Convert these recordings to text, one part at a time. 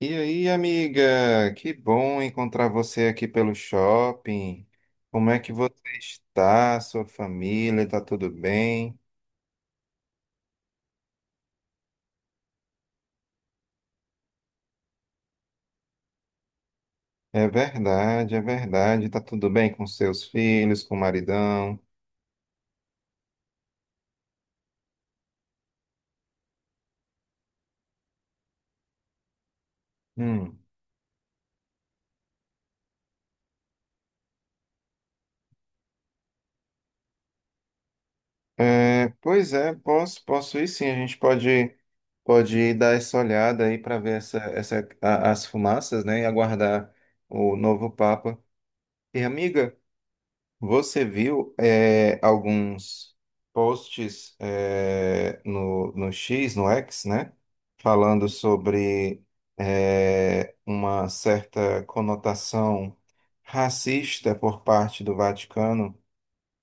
E aí, amiga? Que bom encontrar você aqui pelo shopping. Como é que você está? Sua família está tudo bem? É verdade, é verdade. Está tudo bem com seus filhos, com o maridão? Hum. É, pois é, posso ir sim. A gente pode, pode ir dar essa olhada aí para ver as fumaças, né? E aguardar o novo Papa. E amiga? Você viu alguns posts, no X, no X, né? Falando sobre uma certa conotação racista por parte do Vaticano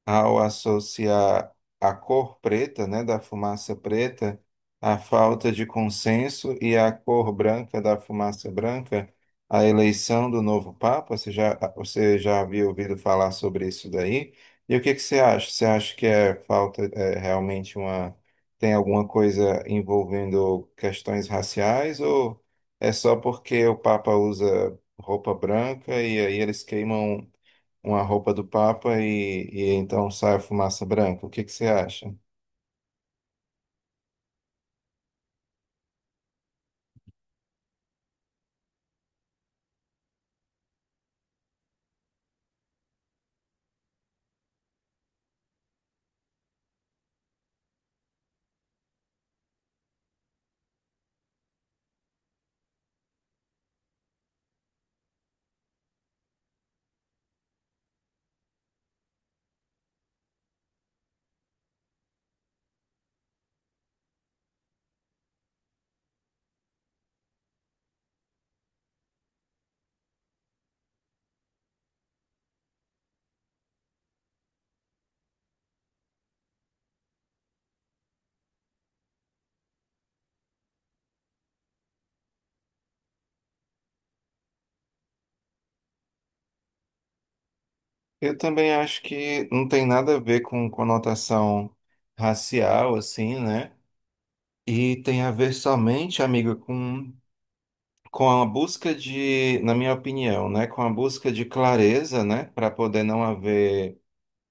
ao associar a cor preta, né, da fumaça preta, à falta de consenso e a cor branca da fumaça branca, a eleição do novo Papa. Você já havia ouvido falar sobre isso daí? E o que que você acha? Você acha que é realmente uma, tem alguma coisa envolvendo questões raciais? Ou é só porque o Papa usa roupa branca e aí eles queimam uma roupa do Papa e então sai a fumaça branca. O que que você acha? Eu também acho que não tem nada a ver com conotação racial, assim, né? E tem a ver somente, amigo, com a busca de, na minha opinião, né? Com a busca de clareza, né? Para poder não haver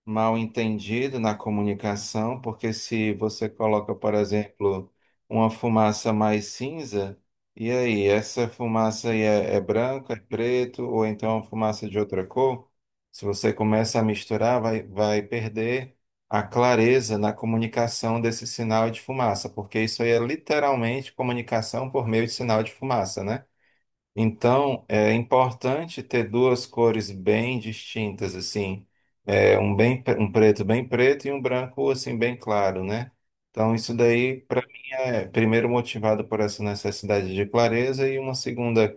mal entendido na comunicação, porque se você coloca, por exemplo, uma fumaça mais cinza, e aí, essa fumaça aí é, é branca, é preto, ou então é uma fumaça de outra cor, se você começa a misturar, vai, vai perder a clareza na comunicação desse sinal de fumaça, porque isso aí é literalmente comunicação por meio de sinal de fumaça, né? Então, é importante ter duas cores bem distintas, assim, um bem, um preto bem preto e um branco, assim, bem claro, né? Então, isso daí, para mim, é primeiro motivado por essa necessidade de clareza e uma segunda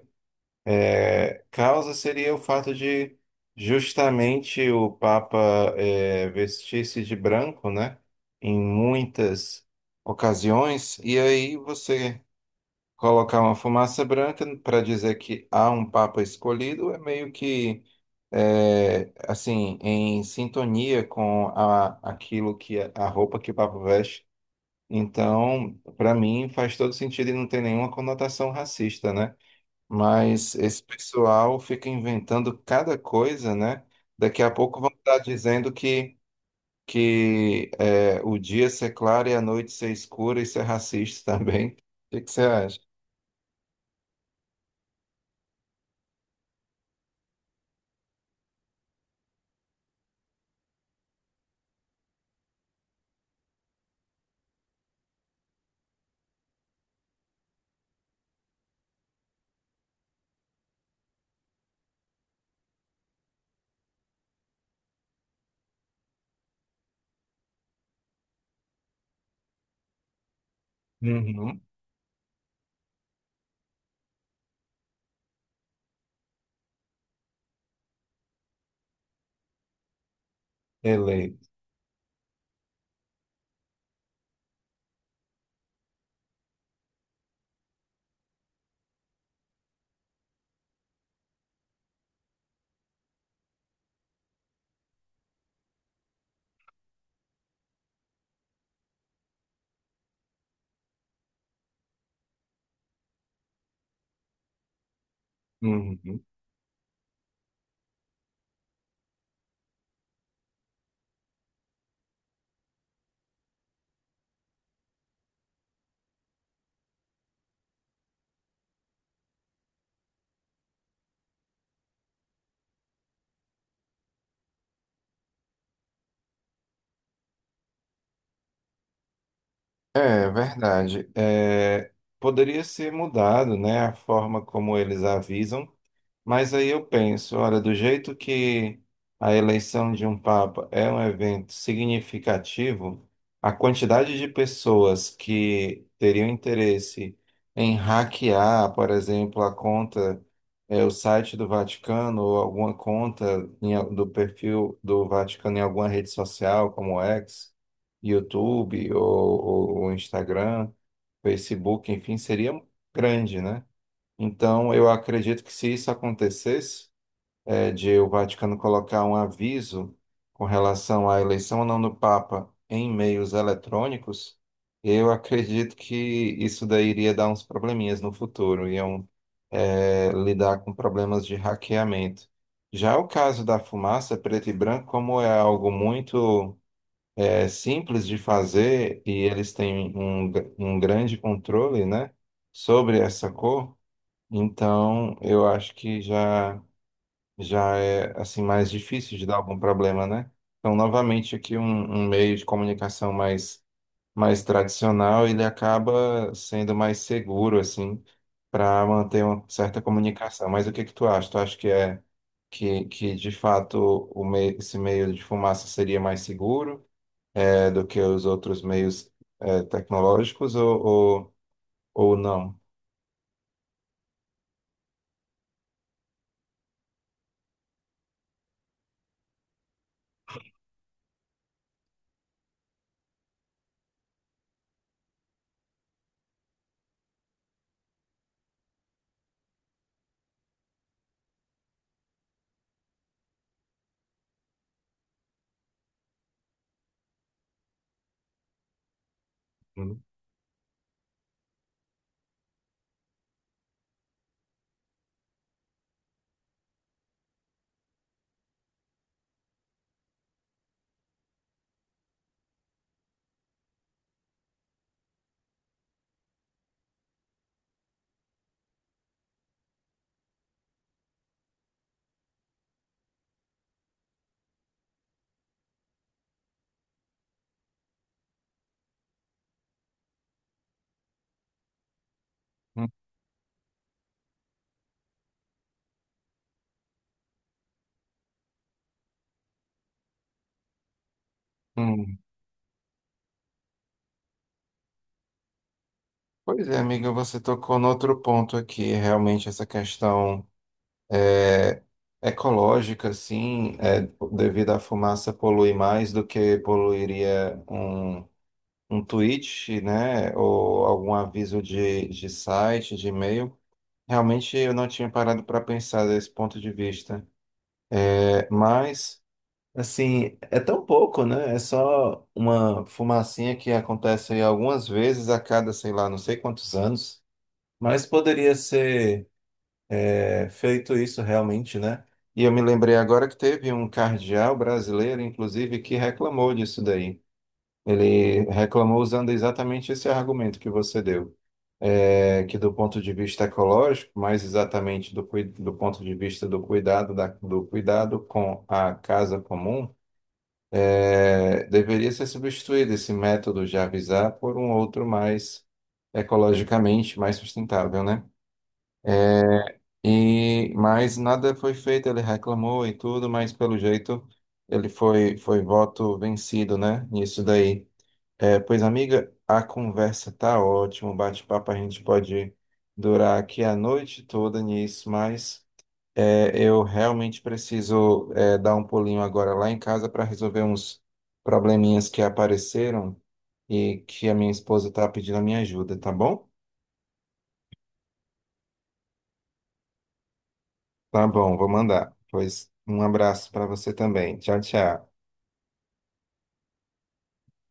causa seria o fato de justamente o Papa, vestir-se de branco, né? Em muitas ocasiões, e aí você colocar uma fumaça branca para dizer que há um papa escolhido é meio que assim em sintonia com a, aquilo que é, a roupa que o papa veste. Então, para mim faz todo sentido e não tem nenhuma conotação racista, né? Mas esse pessoal fica inventando cada coisa, né? Daqui a pouco vão estar dizendo que o dia ser claro e a noite ser escura, isso é racista também. O que que você acha? Uhum. Eleito. Uhum. É verdade. É, poderia ser mudado, né, a forma como eles avisam. Mas aí eu penso, olha, do jeito que a eleição de um papa é um evento significativo, a quantidade de pessoas que teriam interesse em hackear, por exemplo, a conta, o site do Vaticano ou alguma conta em do perfil do Vaticano em alguma rede social, como X, YouTube ou, ou Instagram, Facebook, enfim, seria grande, né? Então, eu acredito que se isso acontecesse, é, de o Vaticano colocar um aviso com relação à eleição ou não do Papa em meios eletrônicos, eu acredito que isso daí iria dar uns probleminhas no futuro, iam, é, lidar com problemas de hackeamento. Já o caso da fumaça preto e branco, como é algo muito, é, simples de fazer e eles têm um, um grande controle, né, sobre essa cor. Então, eu acho que já é assim mais difícil de dar algum problema, né? Então, novamente aqui um, um meio de comunicação mais tradicional, ele acaba sendo mais seguro assim para manter uma certa comunicação. Mas o que que tu acha? Tu acha que que de fato esse meio de fumaça seria mais seguro, do que os outros meios, tecnológicos ou, ou não? Hum. Hum. Pois é, amiga, você tocou no outro ponto aqui, realmente essa questão, é, ecológica, assim, é, devido à fumaça polui mais do que poluiria um, um tweet, né, ou algum aviso de site, de e-mail. Realmente eu não tinha parado para pensar desse ponto de vista. É, mas, assim, é tão pouco, né? É só uma fumacinha que acontece aí algumas vezes a cada, sei lá, não sei quantos anos. Mas poderia ser, feito isso realmente, né? E eu me lembrei agora que teve um cardeal brasileiro, inclusive, que reclamou disso daí. Ele reclamou usando exatamente esse argumento que você deu. É, que do ponto de vista ecológico, mais exatamente do, do ponto de vista do cuidado, do cuidado com a casa comum, é, deveria ser substituído esse método de avisar por um outro mais ecologicamente mais sustentável, né? E, mas nada foi feito, ele reclamou e tudo, mas pelo jeito ele foi, foi voto vencido, né? Nisso daí. É, pois, amiga, a conversa tá ótima, o bate-papo a gente pode durar aqui a noite toda nisso, mas, eu realmente preciso, dar um pulinho agora lá em casa para resolver uns probleminhas que apareceram e que a minha esposa tá pedindo a minha ajuda, tá bom? Tá bom, vou mandar. Pois um abraço para você também. Tchau, tchau.